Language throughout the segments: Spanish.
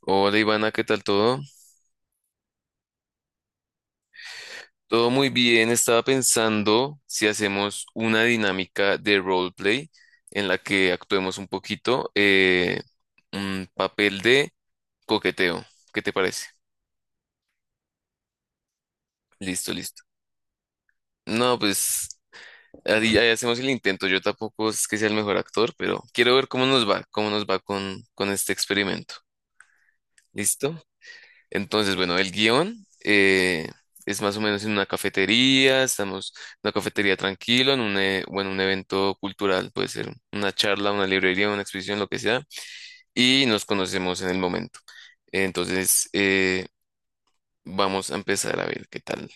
Hola Ivana, ¿qué tal todo? Todo muy bien, estaba pensando si hacemos una dinámica de roleplay en la que actuemos un poquito un papel de coqueteo. ¿Qué te parece? Listo, listo. No, pues ahí hacemos el intento. Yo tampoco es que sea el mejor actor, pero quiero ver cómo nos va con este experimento. ¿Listo? Entonces, bueno, el guión es más o menos en una cafetería, estamos en una cafetería tranquilo, bueno, un evento cultural, puede ser una charla, una librería, una exposición, lo que sea, y nos conocemos en el momento. Entonces, vamos a empezar a ver qué tal.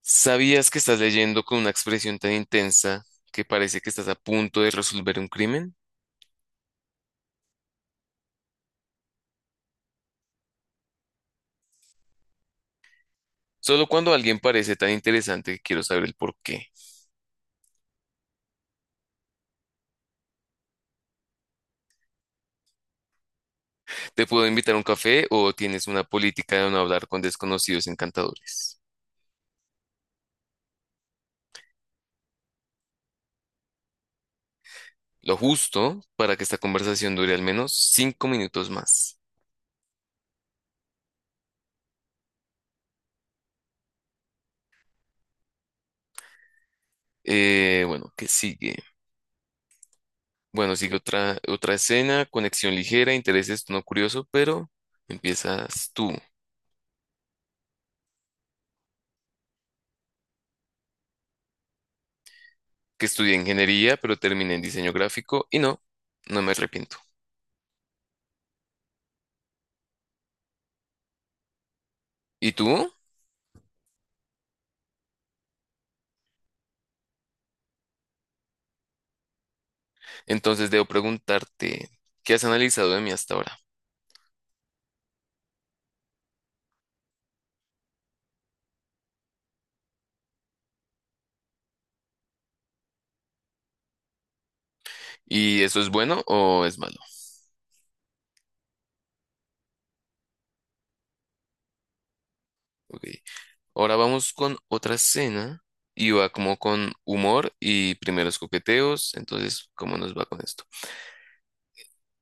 ¿Sabías que estás leyendo con una expresión tan intensa que parece que estás a punto de resolver un crimen? Solo cuando alguien parece tan interesante que quiero saber el por qué. ¿Te puedo invitar a un café o tienes una política de no hablar con desconocidos encantadores? Lo justo para que esta conversación dure al menos 5 minutos más. Bueno, ¿qué sigue? Bueno, sigue otra escena, conexión ligera, intereses, no curioso, pero empiezas tú, que estudié ingeniería, pero terminé en diseño gráfico y no, no me arrepiento. ¿Y tú? Entonces debo preguntarte, ¿qué has analizado de mí hasta ahora? ¿Y eso es bueno o es malo? Ok. Ahora vamos con otra escena y va como con humor y primeros coqueteos. Entonces, ¿cómo nos va con esto?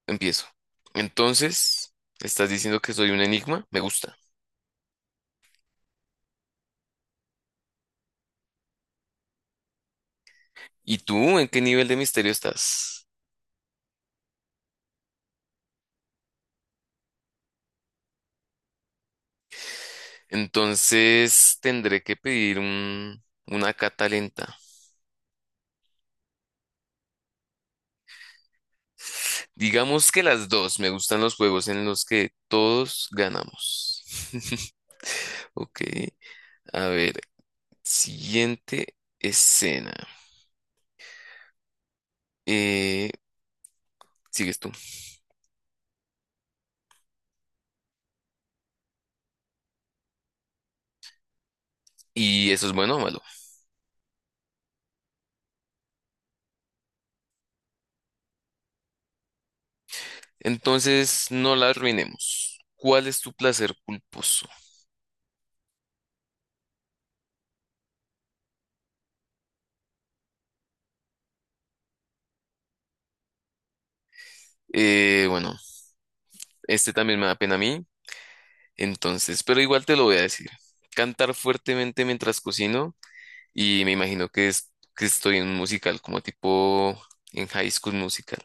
Empiezo. Entonces, estás diciendo que soy un enigma. Me gusta. ¿Y tú en qué nivel de misterio estás? Entonces, tendré que pedir una cata lenta. Digamos que las dos. Me gustan los juegos en los que todos ganamos. Ok. A ver, siguiente escena. Eh, Sigues tú. Y eso es bueno o malo. Entonces, no la arruinemos. ¿Cuál es tu placer culposo? Bueno, este también me da pena a mí. Entonces, pero igual te lo voy a decir. Cantar fuertemente mientras cocino. Y me imagino que es que estoy en un musical como tipo en High School Musical.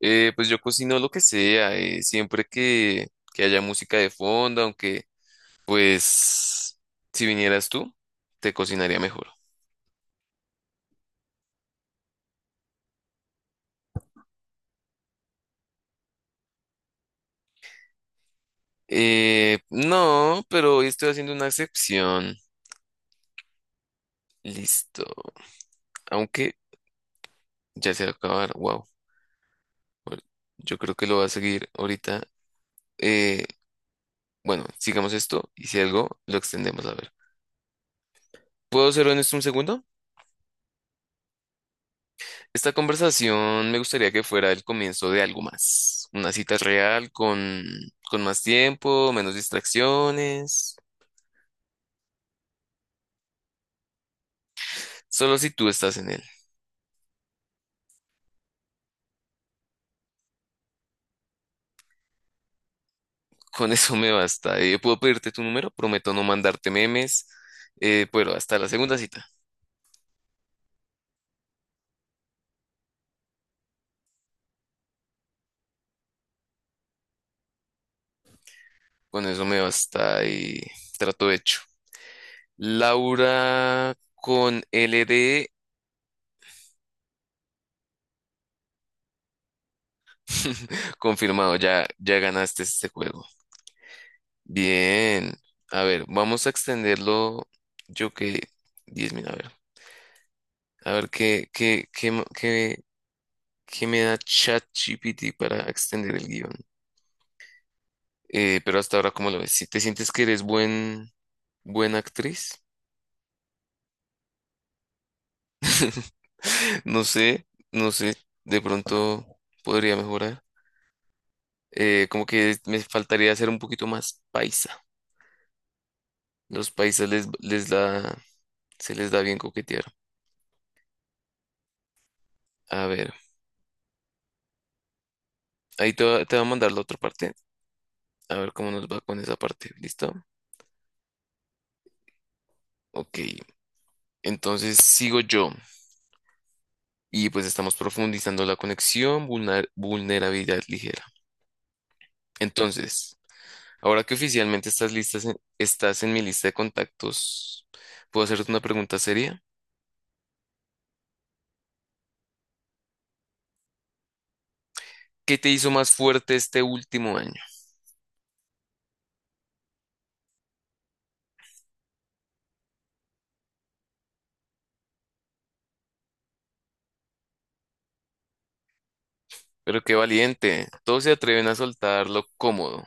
Pues yo cocino lo que sea, siempre que haya música de fondo, aunque pues si vinieras tú, te cocinaría mejor. No, pero hoy estoy haciendo una excepción. Listo. Aunque ya se va a acabar. Wow. Yo creo que lo va a seguir ahorita. Eh, bueno, sigamos esto y si algo, lo extendemos a ver. ¿Puedo hacerlo en esto un segundo? Esta conversación me gustaría que fuera el comienzo de algo más. Una cita real con más tiempo, menos distracciones. Solo si tú estás en él. Con eso me basta. ¿Puedo pedirte tu número? Prometo no mandarte memes. Pero hasta la segunda cita. Con eso me basta y trato hecho. Laura con L LD. Confirmado, ya, ya ganaste este juego. Bien. A ver, vamos a extenderlo. Yo que 10.000, a ver. A ver qué me da ChatGPT para extender el guión. Pero hasta ahora, ¿cómo lo ves? Si te sientes que eres buena actriz, no sé, no sé, de pronto podría mejorar. Como que me faltaría hacer un poquito más paisa. Los paisas se les da bien coquetear. A ver, te voy a mandar la otra parte. A ver cómo nos va con esa parte. ¿Listo? Ok. Entonces sigo yo. Y pues estamos profundizando la conexión, vulnerabilidad ligera. Entonces, ahora que oficialmente estás en mi lista de contactos, ¿puedo hacerte una pregunta seria? ¿Qué te hizo más fuerte este último año? Pero qué valiente. Todos se atreven a soltar lo cómodo.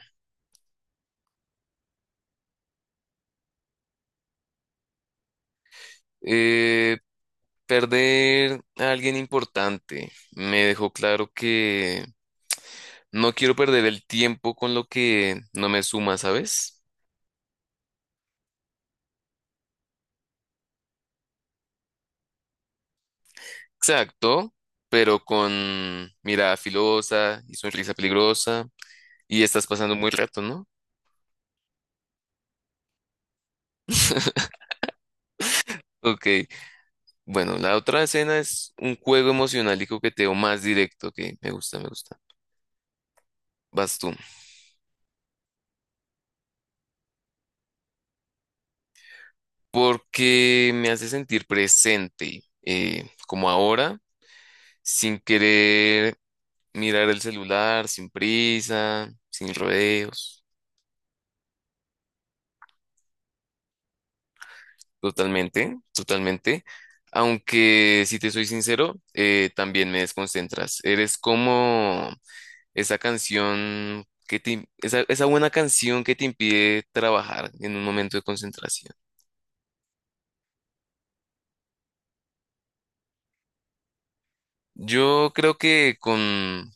Eh, Perder a alguien importante me dejó claro que no quiero perder el tiempo con lo que no me suma, ¿sabes? Exacto, pero con mirada filosa y sonrisa peligrosa y estás pasando muy rato, ¿no? Ok, bueno, la otra escena es un juego emocional y coqueteo más directo que me gusta, me gusta. Vas tú. Porque me hace sentir presente, como ahora, sin querer mirar el celular, sin prisa, sin rodeos. Totalmente, totalmente. Aunque, si te soy sincero, también me desconcentras. Eres como esa canción esa buena canción que te impide trabajar en un momento de concentración. Yo creo que con,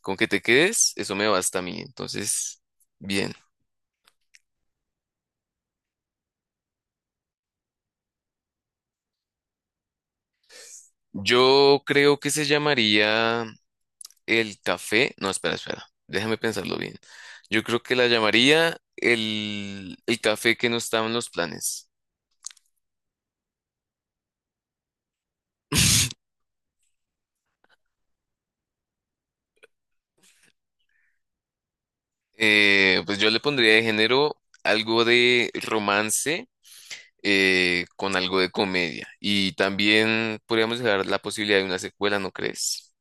con que te quedes, eso me basta a mí. Entonces, bien. Yo creo que se llamaría el café. No, espera, espera. Déjame pensarlo bien. Yo creo que la llamaría el café que no estaba en los planes. Pues yo le pondría de género algo de romance con algo de comedia. Y también podríamos dejar la posibilidad de una secuela, ¿no crees?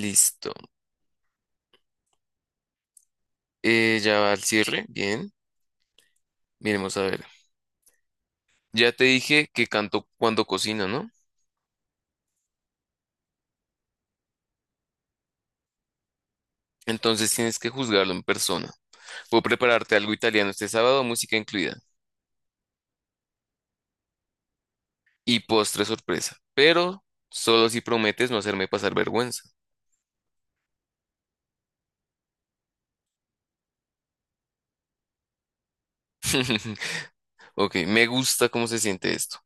Listo. Ya va al cierre. Bien. Miremos a ver. Ya te dije que canto cuando cocino, ¿no? Entonces tienes que juzgarlo en persona. Puedo prepararte algo italiano este sábado, música incluida. Y postre sorpresa. Pero solo si prometes no hacerme pasar vergüenza. Ok, me gusta cómo se siente esto.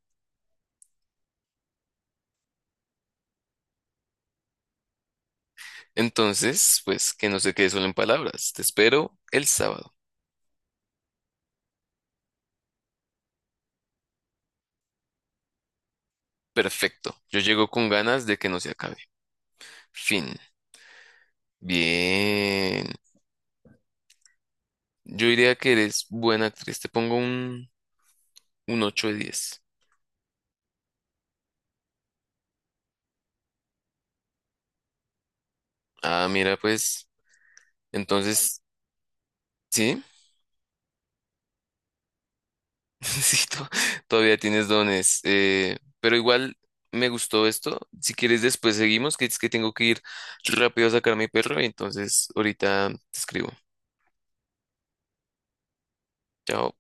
Entonces, pues que no se quede solo en palabras. Te espero el sábado. Perfecto. Yo llego con ganas de que no se acabe. Fin. Bien. Yo diría que eres buena actriz. Te pongo un 8 de 10. Ah, mira, pues. Entonces, sí, sí, todavía tienes dones. Pero igual me gustó esto. Si quieres, después seguimos, que es que tengo que ir rápido a sacar a mi perro, y entonces, ahorita te escribo. Chao.